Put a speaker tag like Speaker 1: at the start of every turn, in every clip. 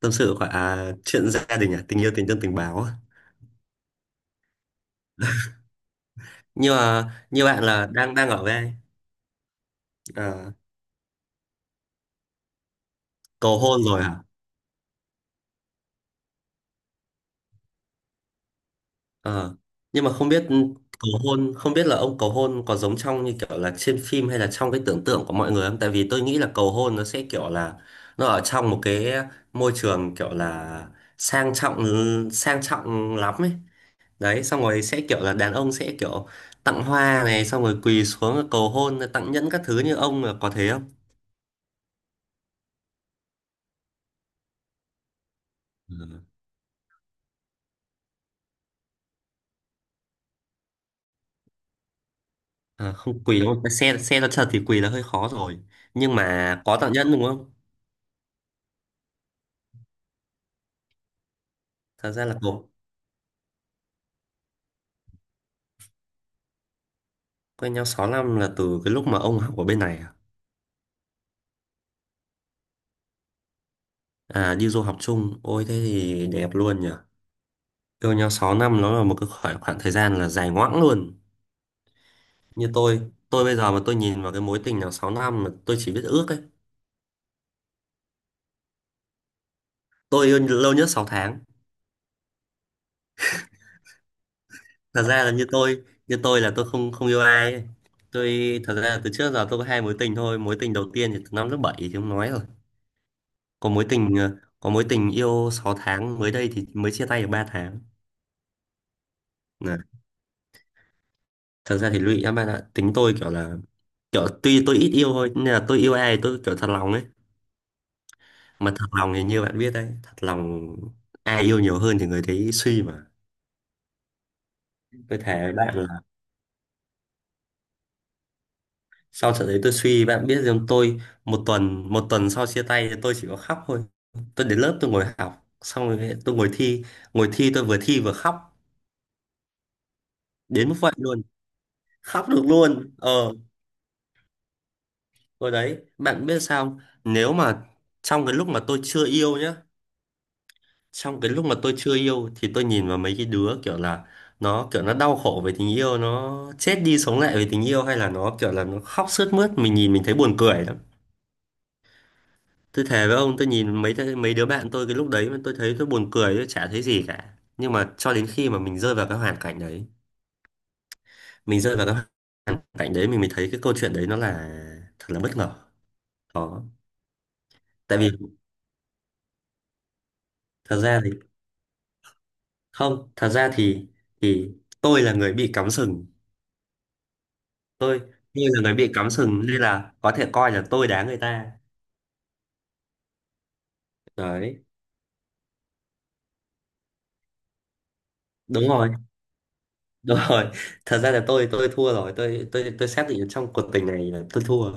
Speaker 1: Tâm sự khoảng à, chuyện gia đình à, tình yêu tình thân tình báo à. Nhưng mà như bạn là đang đang ở với ai? À, cầu hôn rồi hả? Ờ. Nhưng mà không biết cầu hôn, không biết là ông cầu hôn có giống trong như kiểu là trên phim hay là trong cái tưởng tượng của mọi người không, tại vì tôi nghĩ là cầu hôn nó sẽ kiểu là nó ở trong một cái môi trường kiểu là sang trọng, sang trọng lắm ấy, đấy xong rồi sẽ kiểu là đàn ông sẽ kiểu tặng hoa này xong rồi quỳ xuống cầu hôn tặng nhẫn các thứ, như ông là có thế không? À, không quỳ đúng không? Cái Xe xe nó trật thì quỳ là hơi khó rồi. Nhưng mà có tạo nhẫn đúng không? Thật ra là cậu quen nhau 6 năm là từ cái lúc mà ông học ở bên này à? À, đi du học chung. Ôi thế thì đẹp luôn nhỉ. Yêu nhau 6 năm nó là một cái khoảng, khoảng thời gian là dài ngoãng luôn. Như tôi bây giờ mà tôi nhìn vào cái mối tình nào 6 năm mà tôi chỉ biết ước ấy. Tôi yêu lâu nhất 6 tháng. Thật ra là như tôi là tôi không không yêu ai ấy. Tôi thật ra là từ trước giờ tôi có hai mối tình thôi. Mối tình đầu tiên thì từ năm lớp 7 thì không nói rồi. Có mối tình yêu 6 tháng mới đây thì mới chia tay được 3 tháng. Nè, thật ra thì lụy các bạn ạ, tính tôi kiểu là kiểu tuy tôi ít yêu thôi nhưng là tôi yêu ai tôi kiểu thật lòng ấy. Mà thật lòng thì như bạn biết đấy, thật lòng ai yêu nhiều hơn thì người đấy suy mà. Tôi thề với bạn là sau trận đấy tôi suy, bạn biết rằng tôi một tuần sau chia tay thì tôi chỉ có khóc thôi. Tôi đến lớp tôi ngồi học xong rồi tôi ngồi thi, tôi vừa thi vừa khóc. Đến mức vậy luôn. Khóc được luôn. Ờ Rồi đấy, bạn biết sao không? Nếu mà trong cái lúc mà tôi chưa yêu nhá, trong cái lúc mà tôi chưa yêu thì tôi nhìn vào mấy cái đứa kiểu là nó kiểu nó đau khổ về tình yêu, nó chết đi sống lại về tình yêu hay là nó kiểu là nó khóc sướt mướt, mình nhìn mình thấy buồn cười lắm. Tôi thề với ông, tôi nhìn mấy mấy đứa bạn tôi cái lúc đấy mà tôi thấy tôi buồn cười, tôi chả thấy gì cả. Nhưng mà cho đến khi mà mình rơi vào cái hoàn cảnh đấy, mình rơi vào cái hoàn cảnh đấy mình mới thấy cái câu chuyện đấy nó là thật là bất ngờ. Đó. Tại vì thật ra thì, không, thật ra thì tôi là người bị cắm sừng. Tôi tôi là người bị cắm sừng nên là có thể coi là tôi đá người ta. Đấy, đúng rồi. Đúng rồi. Thật ra là tôi thua rồi, tôi xác định trong cuộc tình này là tôi thua.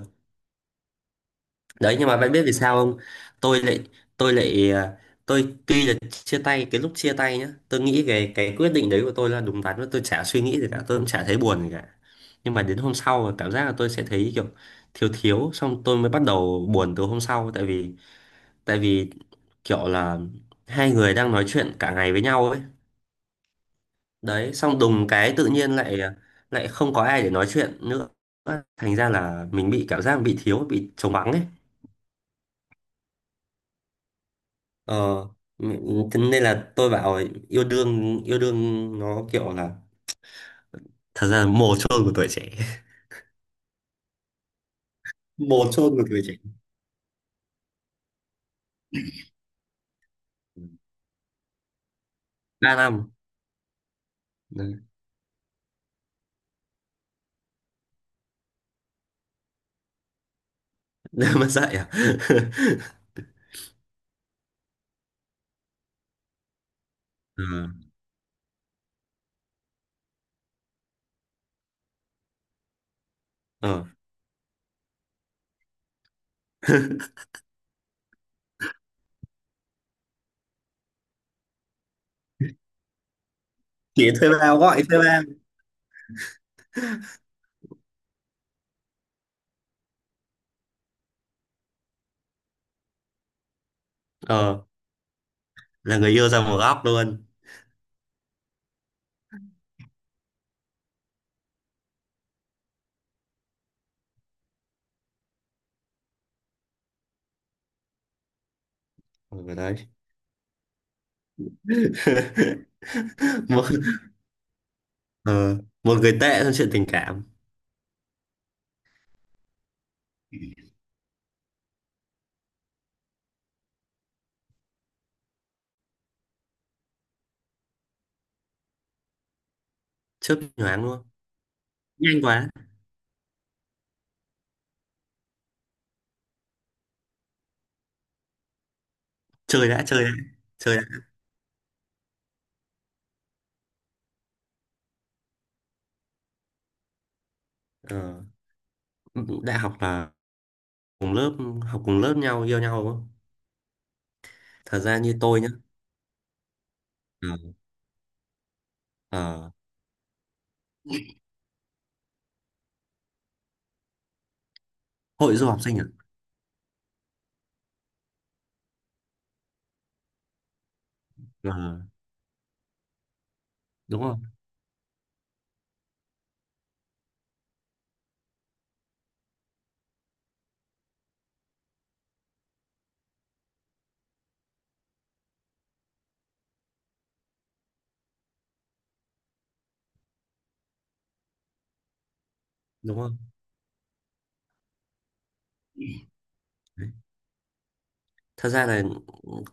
Speaker 1: Đấy, nhưng mà bạn biết vì sao không? tôi lại tôi lại à, tôi tuy là chia tay, cái lúc chia tay nhá, tôi nghĩ về cái quyết định đấy của tôi là đúng đắn và tôi chả suy nghĩ gì cả, tôi cũng chả thấy buồn gì cả. Nhưng mà đến hôm sau là cảm giác là tôi sẽ thấy kiểu thiếu thiếu, xong tôi mới bắt đầu buồn từ hôm sau tại vì tại vì kiểu là hai người đang nói chuyện cả ngày với nhau ấy, đấy xong đùng cái tự nhiên lại không có ai để nói chuyện nữa. Thành ra là mình bị cảm giác bị thiếu bị trống vắng ấy. ờ Thế nên là tôi bảo yêu đương nó kiểu là thật ra là mồ chôn của tuổi trẻ. Mồ chôn của tuổi trẻ. 3 năm. Đấy. Mà dạy à? ờ ờ chỉ thuê bao gọi thuê bao. ờ là người yêu ra một góc luôn. Ở đấy. một ờ, một người tệ trong chuyện tình cảm. Chớp nhoáng luôn. Nhanh quá. Chơi đã, chơi đã, chơi đã. ờ, Đại học là cùng lớp, học cùng lớp nhau yêu nhau đúng không? Thật ra như tôi nhá. Ờ, hội du học sinh à? Ờ, đúng không? Đúng không? Đấy. Thật ra là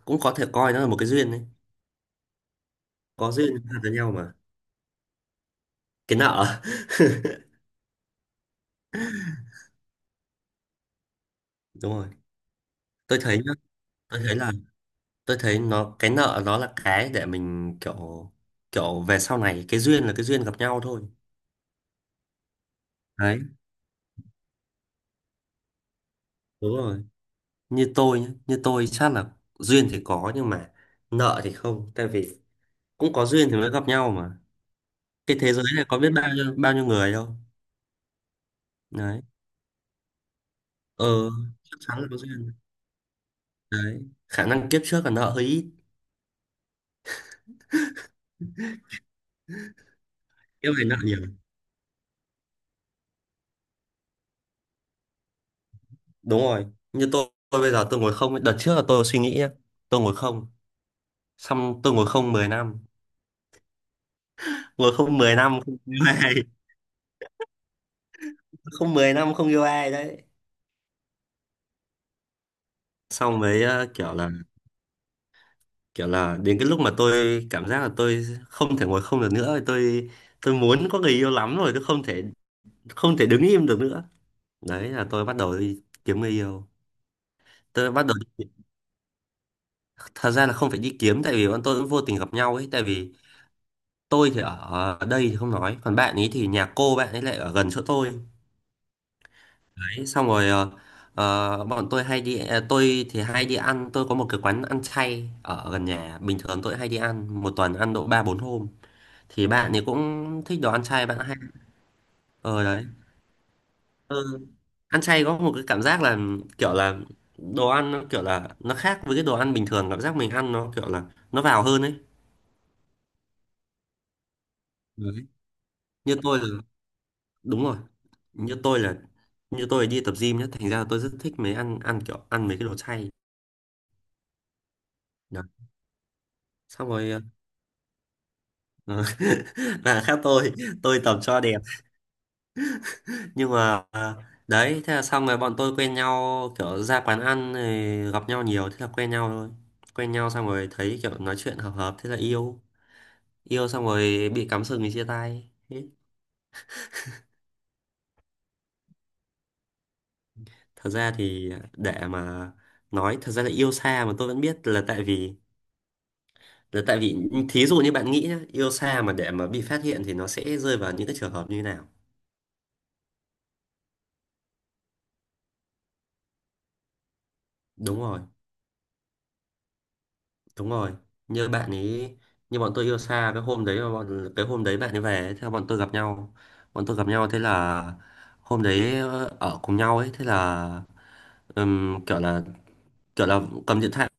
Speaker 1: cũng có thể coi nó là một cái duyên đấy. Có duyên là với nhau mà. Cái nợ. Đúng rồi. Tôi thấy nhá, tôi thấy là tôi thấy nó cái nợ nó là cái để mình kiểu kiểu về sau này cái duyên là cái duyên gặp nhau thôi. Đấy, đúng rồi. Như tôi chắc là duyên thì có nhưng mà nợ thì không, tại vì cũng có duyên thì mới gặp nhau mà. Cái thế giới này có biết bao nhiêu người đâu. Đấy. Ờ, chắc chắn là có duyên. Đấy. Khả năng kiếp trước là nợ hơi ít, kiếp này nợ nhiều. Đúng rồi. Như tôi bây giờ tôi ngồi không, ấy. Đợt trước là tôi suy nghĩ nhá. Tôi ngồi không, xong tôi ngồi không 10 năm. Ngồi không 10 năm không yêu ai. Không 10 năm không yêu ai đấy. Xong mới kiểu là đến cái lúc mà tôi cảm giác là tôi không thể ngồi không được nữa, tôi muốn có người yêu lắm rồi, tôi không thể đứng im được nữa. Đấy là tôi bắt đầu đi kiếm người yêu. Tôi bắt đầu Thật ra là không phải đi kiếm tại vì bọn tôi cũng vô tình gặp nhau ấy, tại vì tôi thì ở đây thì không nói, còn bạn ấy thì nhà cô bạn ấy lại ở gần chỗ tôi. Đấy xong rồi ờ, ờ, bọn tôi hay đi à, tôi thì hay đi ăn. Tôi có một cái quán ăn chay ở gần nhà, bình thường tôi hay đi ăn một tuần ăn độ 3 4 hôm, thì bạn ấy cũng thích đồ ăn chay, bạn hay ờ đấy. Ừ. Ăn chay có một cái cảm giác là kiểu là đồ ăn nó kiểu là nó khác với cái đồ ăn bình thường, cảm giác mình ăn nó kiểu là nó vào hơn ấy. Đấy. Như tôi là Đúng rồi. Như tôi là như tôi là đi tập gym nhá, thành ra là tôi rất thích mấy ăn ăn kiểu ăn mấy cái đồ chay. Đó. Xong rồi ờ, và khác Tôi tập cho đẹp nhưng mà đấy thế là xong rồi bọn tôi quen nhau, kiểu ra quán ăn rồi gặp nhau nhiều thế là quen nhau thôi. Quen nhau xong rồi thấy kiểu nói chuyện hợp hợp thế là yêu. Yêu xong rồi bị cắm sừng thì chia tay. Thế. Thật ra thì để mà nói, thật ra là yêu xa mà tôi vẫn biết là tại vì, đấy, tại vì thí dụ như bạn nghĩ nhá, yêu xa mà để mà bị phát hiện thì nó sẽ rơi vào những cái trường hợp như thế nào. Đúng rồi. Đúng rồi. Như bạn ấy, như bọn tôi yêu xa, cái hôm đấy mà cái hôm đấy bạn ấy về ấy, thế là bọn tôi gặp nhau. Bọn tôi gặp nhau, thế là hôm đấy ở cùng nhau ấy, thế là kiểu là kiểu là cầm điện thoại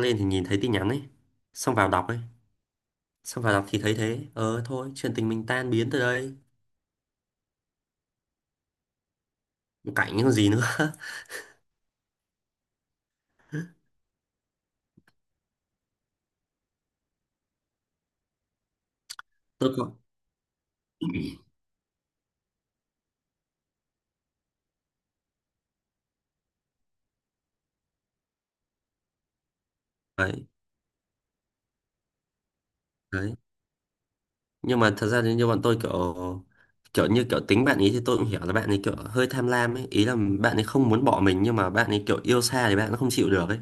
Speaker 1: lên thì nhìn thấy tin nhắn ấy, xong vào đọc ấy xong vào đọc thì thấy thế, thôi chuyện tình mình tan biến từ đây. Cảnh những gì nữa. Tôi có đấy. Đấy, nhưng mà thật ra thì như bọn tôi kiểu kiểu như kiểu tính bạn ấy thì tôi cũng hiểu là bạn ấy kiểu hơi tham lam ấy, ý là bạn ấy không muốn bỏ mình nhưng mà bạn ấy kiểu yêu xa thì bạn nó không chịu được ấy.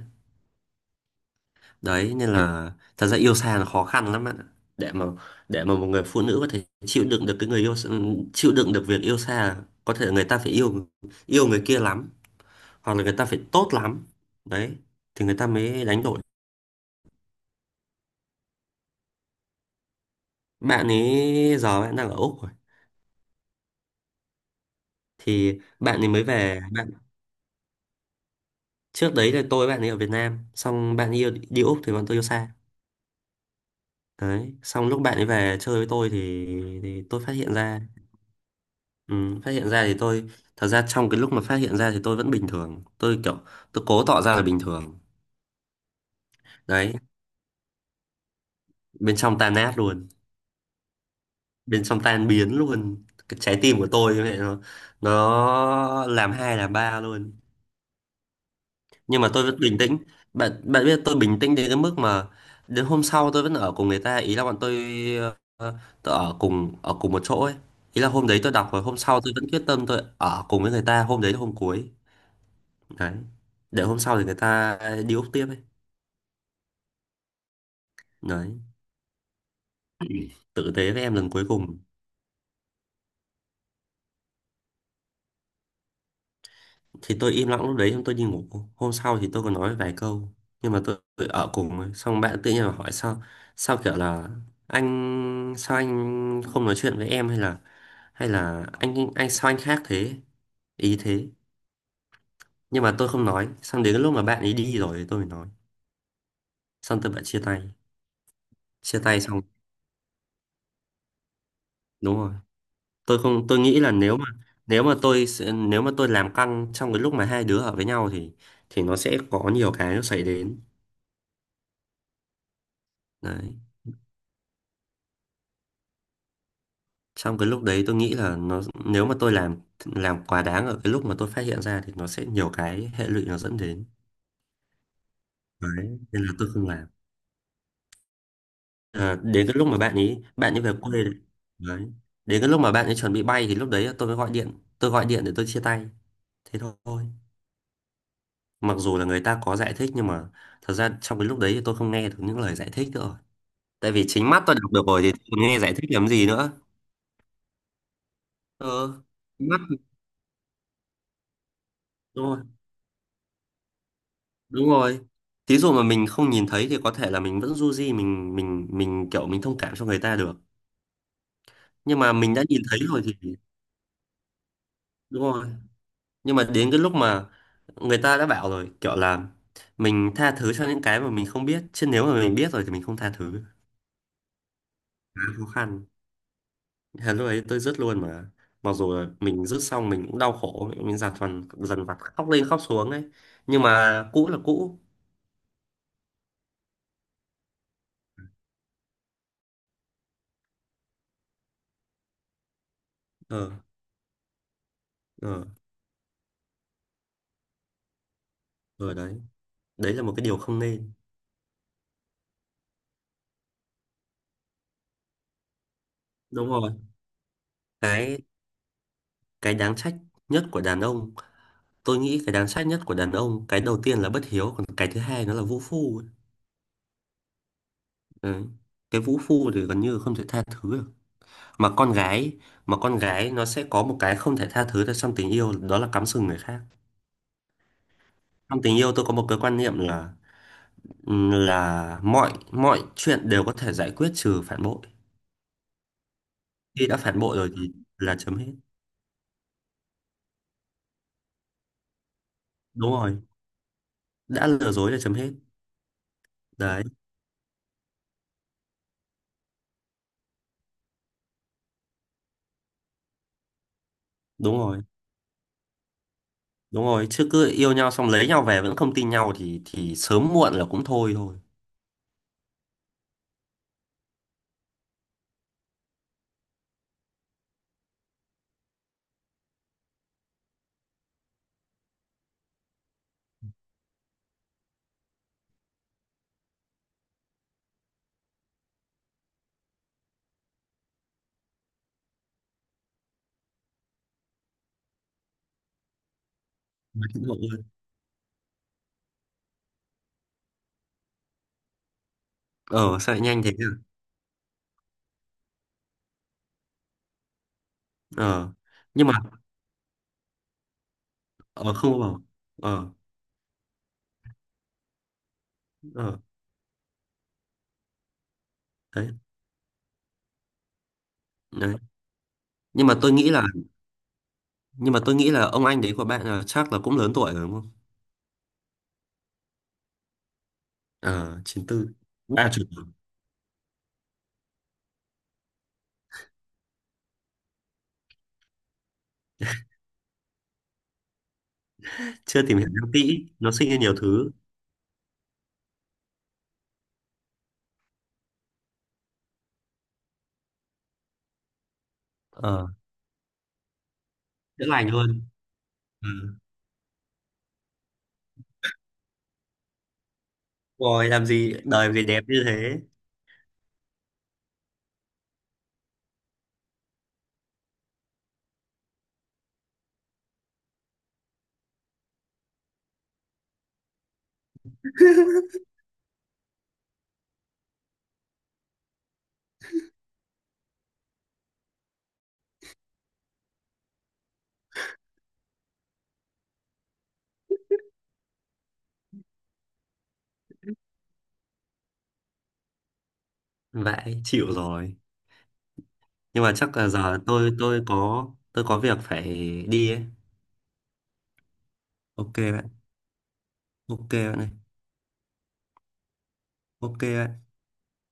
Speaker 1: Đấy nên là thật ra yêu xa là khó khăn lắm bạn ạ, để mà để mà một người phụ nữ có thể chịu đựng được cái người yêu, chịu đựng được việc yêu xa là có thể người ta phải yêu yêu người kia lắm, hoặc là người ta phải tốt lắm, đấy thì người ta mới đánh đổi. Bạn ấy giờ bạn đang ở Úc rồi, thì bạn ấy mới về. Trước đấy là tôi với bạn ấy ở Việt Nam, xong bạn ấy yêu đi Úc thì bọn tôi yêu xa. Đấy, xong lúc bạn ấy về chơi với tôi thì tôi phát hiện ra. Ừ, phát hiện ra thì tôi thật ra trong Cái lúc mà phát hiện ra thì tôi vẫn bình thường, tôi kiểu tôi cố tỏ ra là bình thường. Đấy, bên trong tan nát luôn, bên trong tan biến luôn, cái trái tim của tôi như vậy, nó làm hai làm ba luôn. Nhưng mà tôi vẫn bình tĩnh. Bạn bạn biết tôi bình tĩnh đến cái mức mà đến hôm sau tôi vẫn ở cùng người ta, ý là bọn tôi, ờ, tôi ở cùng một chỗ ấy. Ý là hôm đấy tôi đọc rồi, hôm sau tôi vẫn quyết tâm tôi ở cùng với người ta, hôm đấy là hôm cuối. Đấy, để hôm sau thì người ta đi úp tiếp ấy. Đấy, tử tế với em lần cuối cùng. Thì tôi im lặng lúc đấy xong tôi đi ngủ. Hôm sau thì tôi có nói vài câu, nhưng mà tôi ở cùng ấy. Xong bạn tự nhiên là hỏi sao, kiểu là anh sao anh không nói chuyện với em, hay là anh sao anh khác thế, ý thế. Nhưng mà tôi không nói, xong đến cái lúc mà bạn ấy đi rồi thì tôi mới nói, xong tôi bạn chia tay. Chia tay xong, đúng rồi, tôi không, tôi nghĩ là nếu mà nếu mà tôi làm căng trong cái lúc mà hai đứa ở với nhau thì nó sẽ có nhiều cái nó xảy đến. Đấy. Trong cái lúc đấy tôi nghĩ là nó, nếu mà tôi làm quá đáng ở cái lúc mà tôi phát hiện ra thì nó sẽ nhiều cái hệ lụy nó dẫn đến. Đấy, nên là tôi không làm. À, đến cái lúc mà bạn ấy về quê đấy. Đấy. Đến cái lúc mà bạn ấy chuẩn bị bay thì lúc đấy tôi mới gọi điện, tôi gọi điện để tôi chia tay. Thế thôi. Mặc dù là người ta có giải thích, nhưng mà thật ra trong cái lúc đấy thì tôi không nghe được những lời giải thích nữa. Rồi, tại vì chính mắt tôi đọc được rồi thì tôi còn nghe giải thích làm gì nữa. Ờ, mắt, đúng rồi. Đúng rồi, thí dụ mà mình không nhìn thấy thì có thể là mình vẫn du di, mình kiểu mình thông cảm cho người ta được. Nhưng mà mình đã nhìn thấy rồi thì đúng rồi, nhưng mà đến cái lúc mà người ta đã bảo rồi kiểu là mình tha thứ cho những cái mà mình không biết, chứ nếu mà mình biết rồi thì mình không tha thứ, khá khó khăn. Thế lúc ấy tôi dứt luôn mà, mặc dù là mình dứt xong mình cũng đau khổ, mình dằn vặt, dằn vặt khóc lên khóc xuống ấy, nhưng mà cũ là cũ. Ờ. Ờ. Ờ. Đấy, đấy là một cái điều không nên. Đúng rồi, cái cái đáng trách nhất của đàn ông, tôi nghĩ cái đáng trách nhất của đàn ông, cái đầu tiên là bất hiếu, còn cái thứ hai nó là vũ phu ấy. Đấy. Cái vũ phu thì gần như không thể tha thứ được, mà con gái, nó sẽ có một cái không thể tha thứ được trong tình yêu, đó là cắm sừng người khác. Trong tình yêu tôi có một cái quan niệm là mọi mọi chuyện đều có thể giải quyết, trừ phản bội. Khi đã phản bội rồi thì là chấm hết. Đúng rồi, đã lừa dối là chấm hết. Đấy, đúng rồi. Đúng rồi, chứ cứ yêu nhau xong lấy nhau về vẫn không tin nhau thì sớm muộn là cũng thôi thôi. Mà cũng muộn luôn. Ờ sao lại nhanh thế nhỉ? Ờ. Nhưng mà ờ không vào. Ờ. Ờ. Đấy. Đấy. Nhưng mà tôi nghĩ là nhưng mà tôi nghĩ là ông anh đấy của bạn là chắc là cũng lớn tuổi rồi đúng không? Ờ chín tư. À chục. Chưa tìm hiểu nhau kỹ, nó sinh ra nhiều thứ. Ờ, chữa lành luôn. Ừ. Rồi làm gì đời làm gì đẹp như thế. Vậy chịu rồi. Nhưng mà chắc là giờ tôi có việc phải đi ấy. OK bạn. OK bạn này, OK bạn.